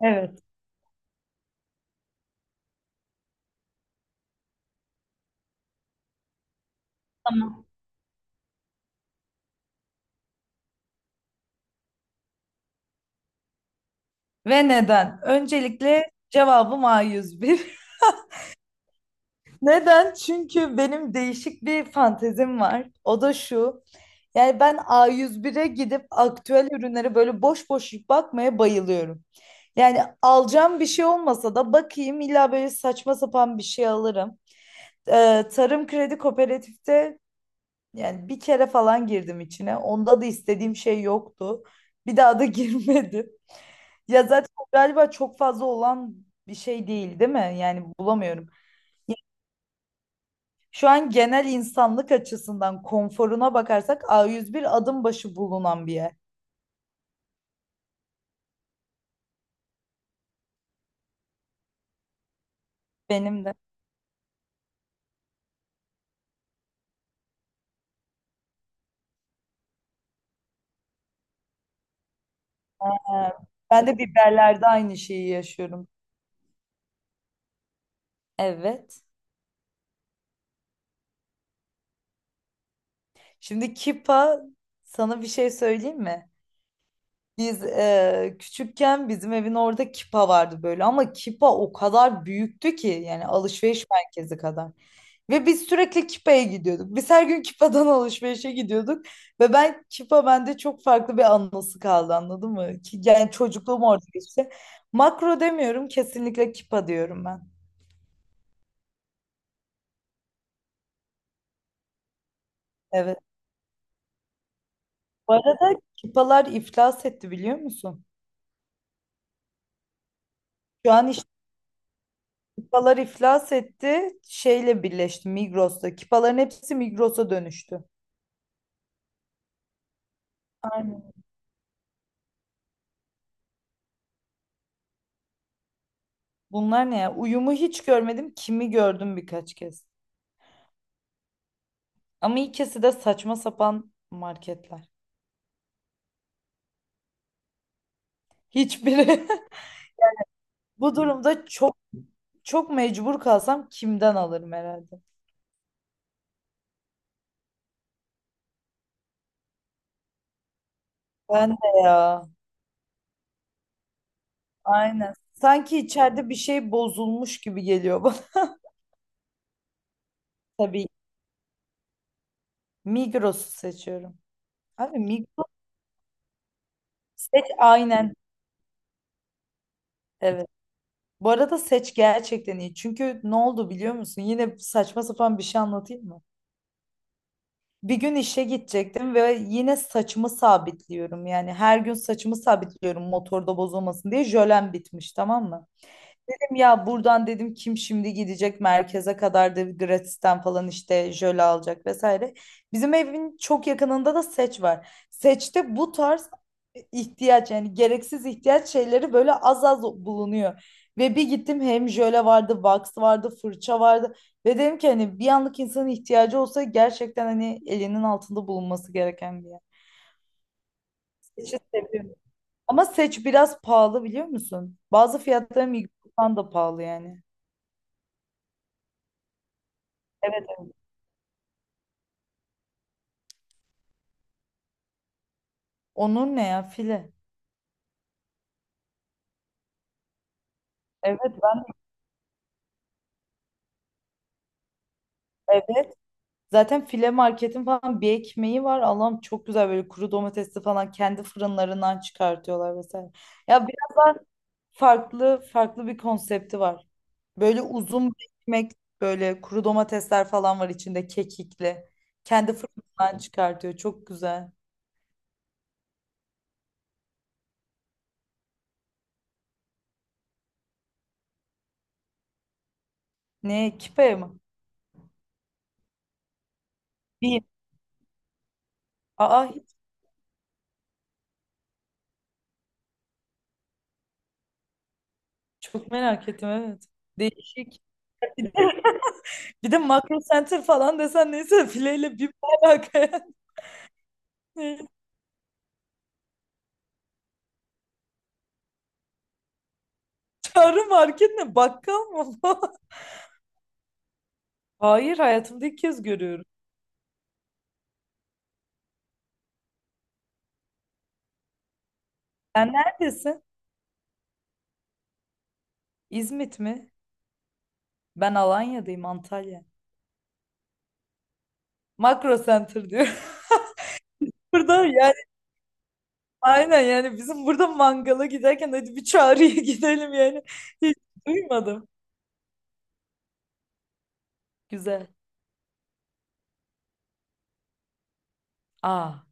Evet. Tamam. Ve neden? Öncelikle cevabım A101. Neden? Çünkü benim değişik bir fantezim var. O da şu. Yani ben A101'e gidip aktüel ürünlere böyle boş boş bakmaya bayılıyorum. Yani alacağım bir şey olmasa da bakayım illa böyle saçma sapan bir şey alırım. Tarım Kredi Kooperatif'te yani bir kere falan girdim içine. Onda da istediğim şey yoktu. Bir daha da girmedim. Ya zaten o galiba çok fazla olan bir şey değil, değil mi? Yani bulamıyorum. Ya şu an genel insanlık açısından konforuna bakarsak A101 adım başı bulunan bir yer. Benim de. Ha. Ben de biberlerde aynı şeyi yaşıyorum. Evet. Şimdi Kipa sana bir şey söyleyeyim mi? Biz küçükken bizim evin orada Kipa vardı böyle, ama Kipa o kadar büyüktü ki yani alışveriş merkezi kadar. Ve biz sürekli Kipa'ya gidiyorduk. Biz her gün Kipa'dan alışverişe gidiyorduk. Ve ben Kipa bende çok farklı bir anısı kaldı, anladın mı? Ki yani çocukluğum orada geçti. Makro demiyorum, kesinlikle Kipa diyorum ben. Evet. Bu arada Kipalar iflas etti, biliyor musun? Şu an işte Kipalar iflas etti. Şeyle birleşti, Migros'ta. Kipaların hepsi Migros'a dönüştü. Aynen. Bunlar ne ya? Uyumu hiç görmedim. Kimi gördüm birkaç kez. Ama ikisi de saçma sapan marketler. Hiçbiri. Bu durumda çok çok mecbur kalsam kimden alırım herhalde. Ben de ya. Aynen. Sanki içeride bir şey bozulmuş gibi geliyor bana. Tabii Migros'u seçiyorum. Abi Migros seç, aynen. Evet. Bu arada seç gerçekten iyi. Çünkü ne oldu biliyor musun? Yine saçma sapan bir şey anlatayım mı? Bir gün işe gidecektim ve yine saçımı sabitliyorum. Yani her gün saçımı sabitliyorum motorda bozulmasın diye. Jölem bitmiş, tamam mı? Ya buradan dedim kim şimdi gidecek merkeze kadar da gratisten falan işte jöle alacak vesaire. Bizim evin çok yakınında da Seç var. Seç'te bu tarz ihtiyaç, yani gereksiz ihtiyaç şeyleri böyle az az bulunuyor. Ve bir gittim hem jöle vardı, wax vardı, fırça vardı. Ve dedim ki hani bir anlık insanın ihtiyacı olsa gerçekten hani elinin altında bulunması gereken bir yer. Seç'i seviyorum. Ama Seç biraz pahalı, biliyor musun? Bazı fiyatları Migros'tan da pahalı yani. Evet. Onun ne ya file? Evet, evet. Zaten file marketin falan bir ekmeği var. Allah'ım çok güzel, böyle kuru domatesli falan kendi fırınlarından çıkartıyorlar vesaire. Ya biraz daha farklı farklı bir konsepti var. Böyle uzun bir ekmek, böyle kuru domatesler falan var içinde, kekikli. Kendi fırınından çıkartıyor. Çok güzel. Ne? Kipe mi? Bir. Aa, çok merak ettim evet. Değişik. Bir de Makro Center falan desen neyse, fileyle bir alaka. Çağrı market ne? Bakkal mı? Bu? Hayır, hayatımda ilk kez görüyorum. Sen neredesin? İzmit mi? Ben Alanya'dayım, Antalya. Makro Center diyor. Burada yani aynen, yani bizim burada mangala giderken hadi bir Çağrı'ya gidelim yani. Hiç duymadım. Güzel. Aa,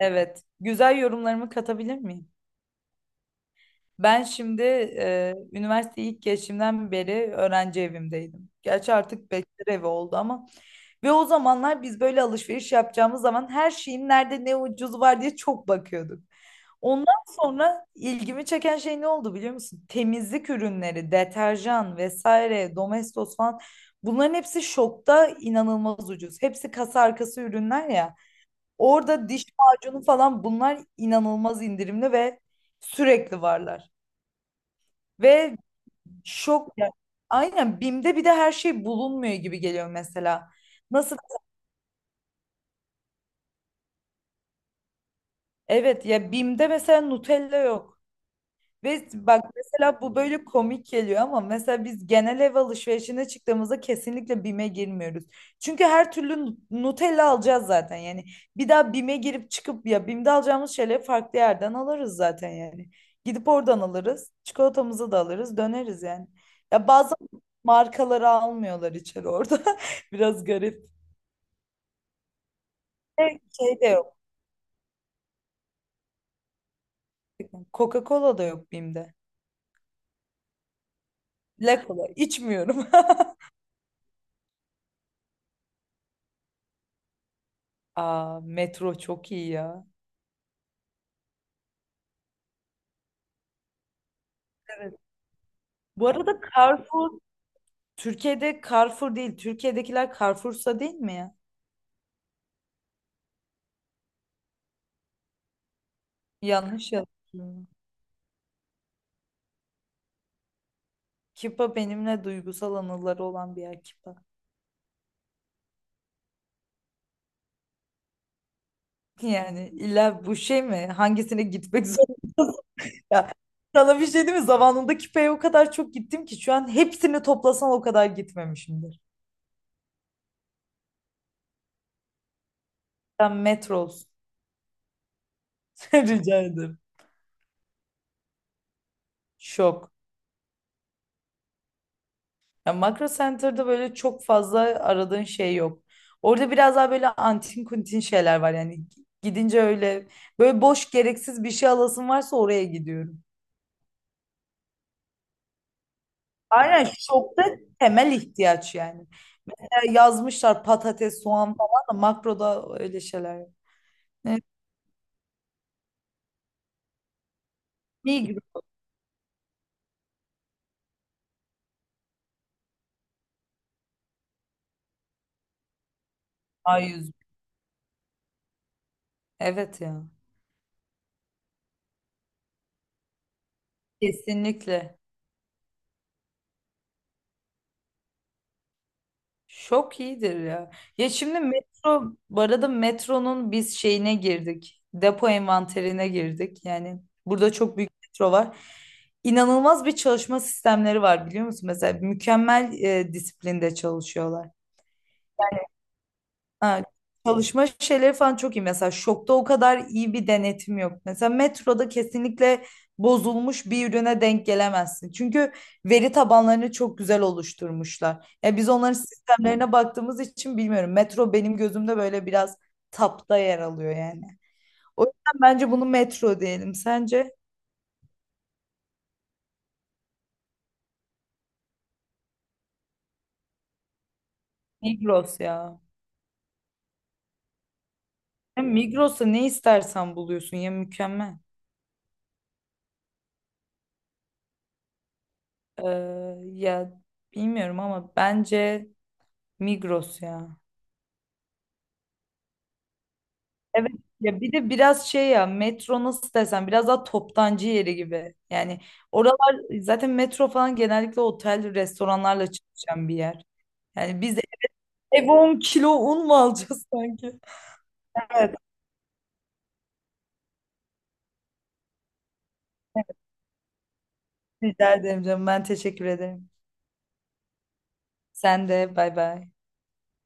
evet. Güzel, yorumlarımı katabilir miyim? Ben şimdi üniversite ilk geçimden beri öğrenci evimdeydim. Gerçi artık bekar evi oldu ama. Ve o zamanlar biz böyle alışveriş yapacağımız zaman her şeyin nerede ne ucuz var diye çok bakıyorduk. Ondan sonra ilgimi çeken şey ne oldu biliyor musun? Temizlik ürünleri, deterjan vesaire, Domestos falan, bunların hepsi şokta inanılmaz ucuz. Hepsi kasa arkası ürünler ya. Orada diş macunu falan, bunlar inanılmaz indirimli ve sürekli varlar. Ve şok ya- aynen, BİM'de bir de her şey bulunmuyor gibi geliyor mesela. Nasıl? Evet ya, BİM'de mesela Nutella yok. Ve bak mesela, bu böyle komik geliyor ama mesela biz genel ev alışverişine çıktığımızda kesinlikle BİM'e girmiyoruz. Çünkü her türlü Nutella alacağız zaten yani. Bir daha BİM'e girip çıkıp ya, BİM'de alacağımız şeyleri farklı yerden alırız zaten yani. Gidip oradan alırız. Çikolatamızı da alırız, döneriz yani. Ya bazı markaları almıyorlar içeri orada. Biraz garip. Ve Şey de yok. Coca-Cola da yok BİM'de. La Cola içmiyorum. Aa, metro çok iyi ya. Bu arada Carrefour, Türkiye'de Carrefour değil. Türkiye'dekiler Carrefour'sa, değil mi ya? Yanlış yazıyorum. Kipa benimle duygusal anıları olan bir yer, Kipa. Yani illa bu şey mi? Hangisine gitmek zorundasın ya? Sana bir şey değil mi? Zamanında Kipa'ya o kadar çok gittim ki şu an hepsini toplasan o kadar gitmemişimdir. Sen Metros. Rica ederim. Şok. Ya Makro Center'da böyle çok fazla aradığın şey yok. Orada biraz daha böyle antin kuntin şeyler var yani. Gidince öyle, böyle boş gereksiz bir şey alasın varsa oraya gidiyorum. Aynen, şokta temel ihtiyaç yani. Ya yazmışlar patates, soğan falan, da makroda öyle şeyler yok. Evet, iyi gibi. A yüz? Evet ya. Kesinlikle. Şok iyidir ya. Ya şimdi metro, bu arada metronun biz şeyine girdik. Depo envanterine girdik. Yani burada çok büyük metro var. İnanılmaz bir çalışma sistemleri var, biliyor musun? Mesela mükemmel disiplinde çalışıyorlar. Ha, çalışma şeyleri falan çok iyi. Mesela şokta o kadar iyi bir denetim yok. Mesela metroda kesinlikle bozulmuş bir ürüne denk gelemezsin. Çünkü veri tabanlarını çok güzel oluşturmuşlar. Ya biz onların sistemlerine baktığımız için bilmiyorum. Metro benim gözümde böyle biraz tapta yer alıyor yani. O yüzden bence bunu metro diyelim. Sence? Migros ya. Ya Migros'ta ne istersen buluyorsun ya, mükemmel. Ee, Ya bilmiyorum ama bence Migros ya. Evet ya, bir de biraz şey ya, metro nasıl desem biraz daha toptancı yeri gibi. Yani oralar zaten, metro falan genellikle otel restoranlarla çalışan bir yer. Yani biz ev 10 kilo un mu alacağız sanki? Evet. Evet. Rica ederim canım, ben teşekkür ederim. Sen de, bay bay.